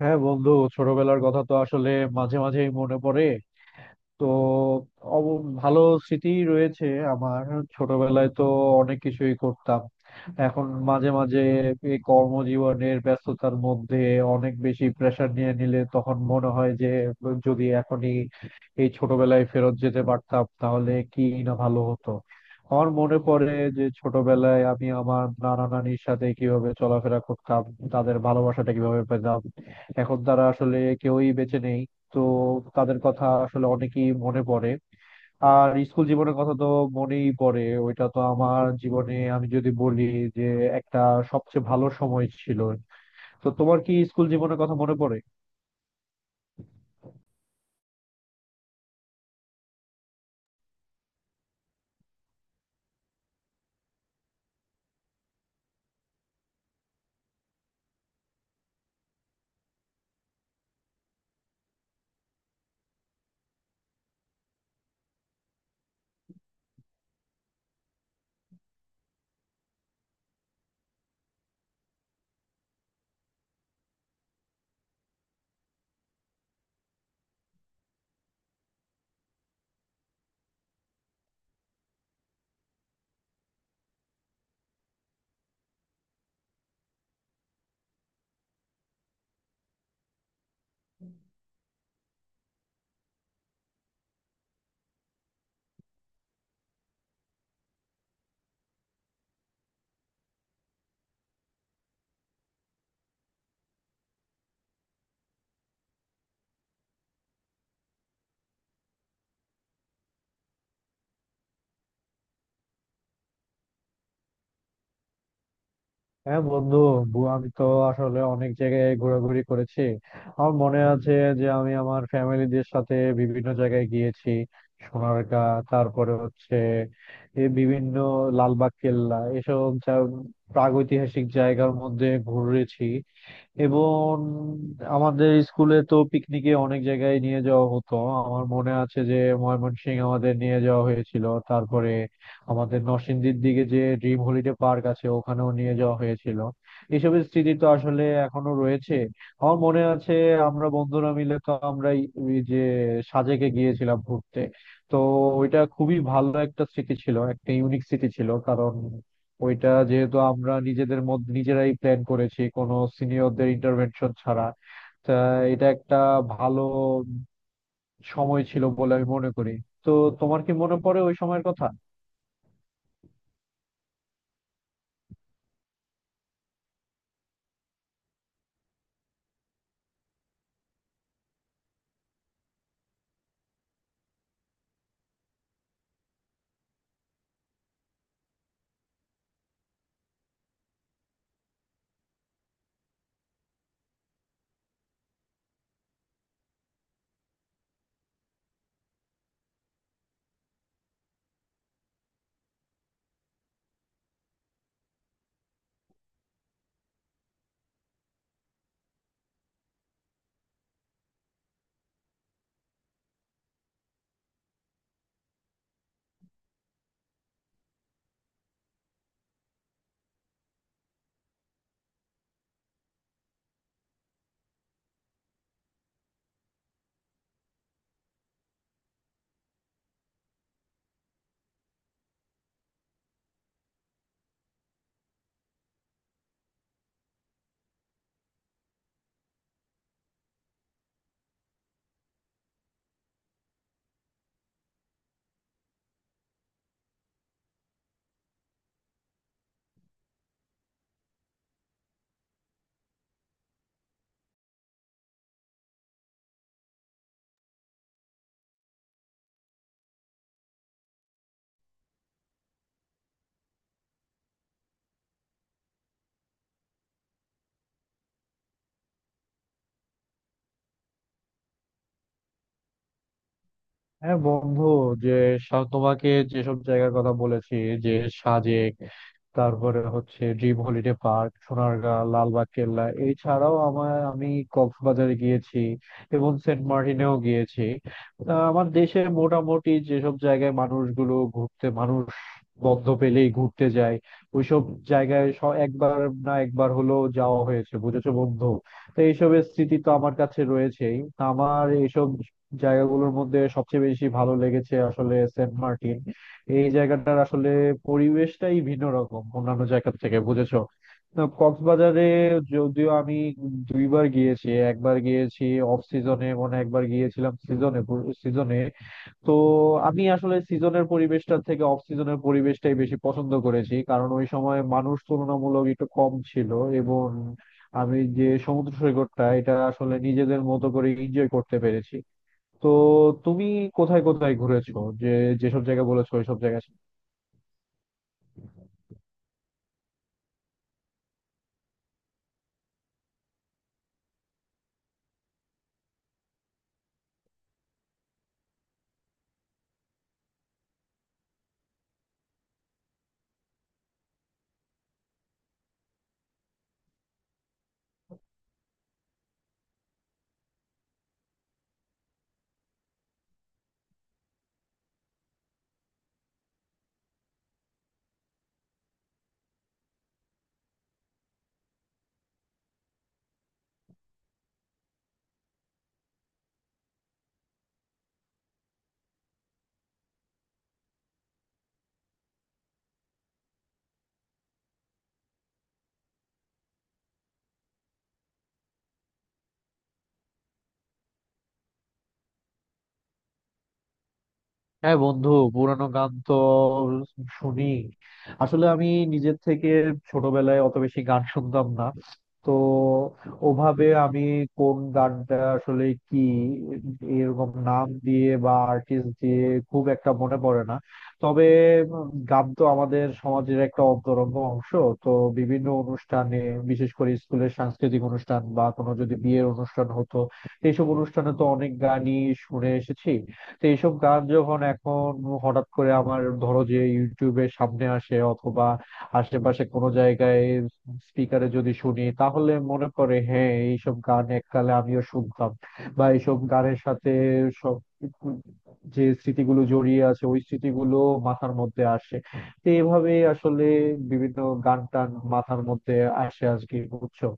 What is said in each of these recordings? হ্যাঁ বন্ধু, ছোটবেলার কথা তো আসলে মাঝে মাঝেই মনে পড়ে। তো অব- ভালো স্মৃতি রয়েছে। আমার ছোটবেলায় তো অনেক কিছুই করতাম। এখন মাঝে মাঝে এই কর্মজীবনের ব্যস্ততার মধ্যে অনেক বেশি প্রেশার নিয়ে নিলে তখন মনে হয় যে, যদি এখনই এই ছোটবেলায় ফেরত যেতে পারতাম তাহলে কি না ভালো হতো। আমার মনে পড়ে যে ছোটবেলায় আমি আমার নানা নানির সাথে কিভাবে চলাফেরা করতাম, তাদের ভালোবাসাটা কিভাবে পেতাম। এখন তারা আসলে কেউই বেঁচে নেই। তো তাদের কথা আসলে অনেকেই মনে পড়ে। আর স্কুল জীবনের কথা তো মনেই পড়ে। ওইটা তো আমার জীবনে, আমি যদি বলি যে একটা সবচেয়ে ভালো সময় ছিল। তো তোমার কি স্কুল জীবনের কথা মনে পড়ে? হ্যাঁ বন্ধু, আমি তো আসলে অনেক জায়গায় ঘোরাঘুরি করেছি। আমার মনে আছে যে আমি আমার ফ্যামিলিদের সাথে বিভিন্ন জায়গায় গিয়েছি। সোনারগাঁ, তারপরে হচ্ছে এই বিভিন্ন লালবাগ কেল্লা, এসব প্রাগৈতিহাসিক জায়গার মধ্যে ঘুরেছি। এবং আমাদের স্কুলে তো পিকনিকে অনেক জায়গায় নিয়ে যাওয়া হতো। আমার মনে আছে যে ময়মনসিং আমাদের নিয়ে যাওয়া হয়েছিল, তারপরে আমাদের নরসিংদীর দিকে যে ড্রিম হলিডে পার্ক আছে ওখানেও নিয়ে যাওয়া হয়েছিল। এইসবের স্মৃতি তো আসলে এখনো রয়েছে। আমার মনে আছে আমরা বন্ধুরা মিলে তো আমরা এই যে সাজেকে গিয়েছিলাম ঘুরতে। তো ওইটা খুবই ভালো একটা স্মৃতি ছিল, একটা ইউনিক স্মৃতি ছিল, কারণ ওইটা যেহেতু আমরা নিজেদের মধ্যে নিজেরাই প্ল্যান করেছি কোনো সিনিয়রদের ইন্টারভেনশন ছাড়া। তা এটা একটা ভালো সময় ছিল বলে আমি মনে করি। তো তোমার কি মনে পড়ে ওই সময়ের কথা? হ্যাঁ বন্ধু, যে তোমাকে যেসব জায়গার কথা বলেছি, যে সাজেক, তারপরে হচ্ছে dream holiday park, Sonargaon, Lalbagh Kella, এছাড়াও আমি কক্সবাজারে গিয়েছি এবং সেন্ট মার্টিনেও গিয়েছি। আমার দেশে মোটামুটি যেসব জায়গায় মানুষ বন্ধ পেলেই ঘুরতে যায়, ওইসব জায়গায় একবার না একবার হলেও যাওয়া হয়েছে, বুঝেছো বন্ধু। তো এইসবের স্মৃতি তো আমার কাছে রয়েছেই। আমার এইসব জায়গাগুলোর মধ্যে সবচেয়ে বেশি ভালো লেগেছে আসলে সেন্ট মার্টিন। এই জায়গাটার আসলে পরিবেশটাই ভিন্ন রকম অন্যান্য জায়গা থেকে, বুঝেছো। না, কক্সবাজারে যদিও আমি দুইবার গিয়েছি, একবার গিয়েছি অফ সিজনে, মনে হয় একবার গিয়েছিলাম সিজনে সিজনে তো আমি আসলে সিজনের পরিবেশটার থেকে অফ সিজনের পরিবেশটাই বেশি পছন্দ করেছি, কারণ ওই সময় মানুষ তুলনামূলক একটু কম ছিল এবং আমি যে সমুদ্র সৈকতটা, এটা আসলে নিজেদের মতো করে এনজয় করতে পেরেছি। তো তুমি কোথায় কোথায় ঘুরেছো, যে যেসব জায়গা বলেছো ওইসব জায়গা? হ্যাঁ বন্ধু, পুরানো গান তো শুনি। আসলে আমি নিজের থেকে ছোটবেলায় অত বেশি গান শুনতাম না। তো ওভাবে আমি কোন গানটা আসলে কি এরকম নাম দিয়ে বা আর্টিস্ট দিয়ে খুব একটা মনে পড়ে না। তবে গান তো আমাদের সমাজের একটা অন্তরঙ্গ অংশ। তো বিভিন্ন অনুষ্ঠানে, বিশেষ করে স্কুলের সাংস্কৃতিক অনুষ্ঠান বা কোনো যদি বিয়ের অনুষ্ঠান হতো, এইসব অনুষ্ঠানে তো অনেক গানই শুনে এসেছি। তো এইসব গান যখন এখন হঠাৎ করে আমার ধরো যে ইউটিউবের সামনে আসে অথবা আশেপাশে কোনো জায়গায় স্পিকারে যদি শুনি, তাহলে মনে পড়ে হ্যাঁ, এইসব গান এককালে আমিও শুনতাম, বা এইসব গানের সাথে সব যে স্মৃতিগুলো জড়িয়ে আছে ওই স্মৃতিগুলো মাথার মধ্যে আসে। তো এইভাবে আসলে বিভিন্ন গান টান মাথার মধ্যে আসে আজকে, বুঝছো।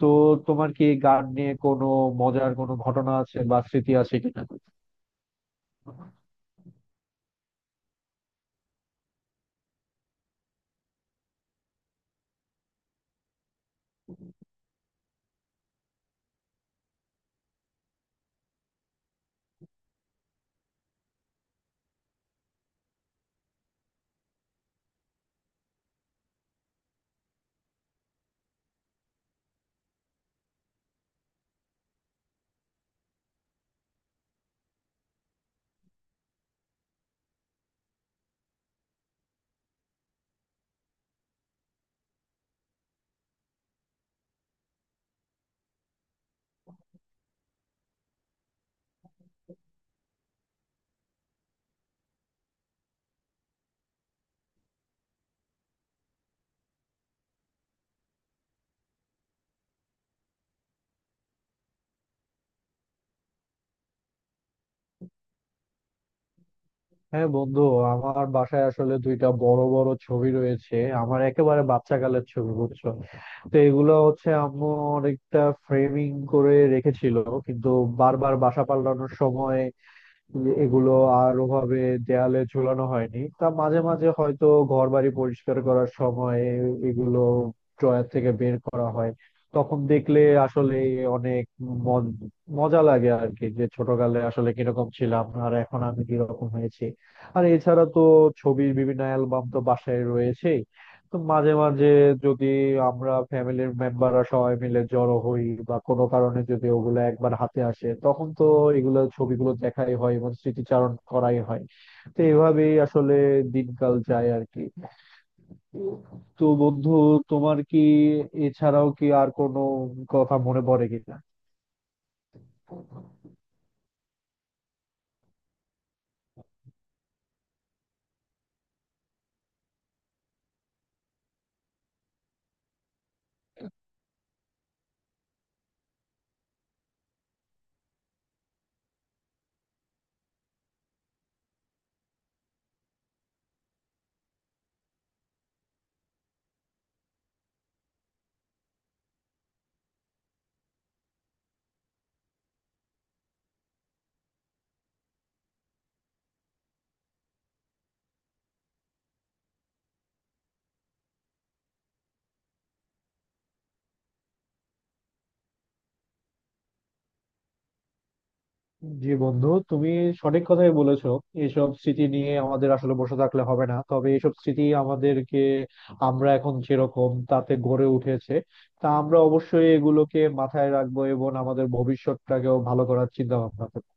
তো তোমার কি গান নিয়ে কোনো মজার কোনো ঘটনা আছে বা স্মৃতি আছে কিনা? হ্যাঁ বন্ধু, আমার বাসায় আসলে দুইটা বড় বড় ছবি রয়েছে, আমার একেবারে বাচ্চা কালের ছবি, বুঝছো। তো এগুলো হচ্ছে আম্মু অনেকটা ফ্রেমিং করে রেখেছিল, কিন্তু বারবার এগুলো আর ওভাবে দেয়ালে ঝুলানো হয়নি। তা মাঝে মাঝে হয়তো ঘর বাড়ি পরিষ্কার করার সময় এগুলো ড্রয়ার থেকে বের করা হয়। তখন দেখলে আসলে অনেক মজ- মজা লাগে আর কি, যে ছোটকালে আসলে কিরকম ছিলাম আর এখন আমি কিরকম হয়েছি। আর এছাড়া তো ছবির বিভিন্ন অ্যালবাম তো বাসায় রয়েছে। তো মাঝে মাঝে যদি আমরা ফ্যামিলির মেম্বাররা সবাই মিলে জড়ো হই বা কোনো কারণে যদি ওগুলো একবার হাতে আসে, তখন তো এগুলো ছবিগুলো দেখাই হয় এবং স্মৃতিচারণ করাই হয়। তো এভাবেই আসলে দিনকাল যায় আর কি। তো বন্ধু, তোমার কি এছাড়াও কি আর কোনো কথা মনে পড়ে কিনা? জি বন্ধু, তুমি সঠিক কথাই বলেছো। এইসব স্মৃতি নিয়ে আমাদের আসলে বসে থাকলে হবে না, তবে এইসব স্মৃতি আমাদেরকে আমরা এখন যেরকম তাতে গড়ে উঠেছে, তা আমরা অবশ্যই এগুলোকে মাথায় রাখবো এবং আমাদের ভবিষ্যৎটাকেও ভালো করার চিন্তা ভাবনা করবো।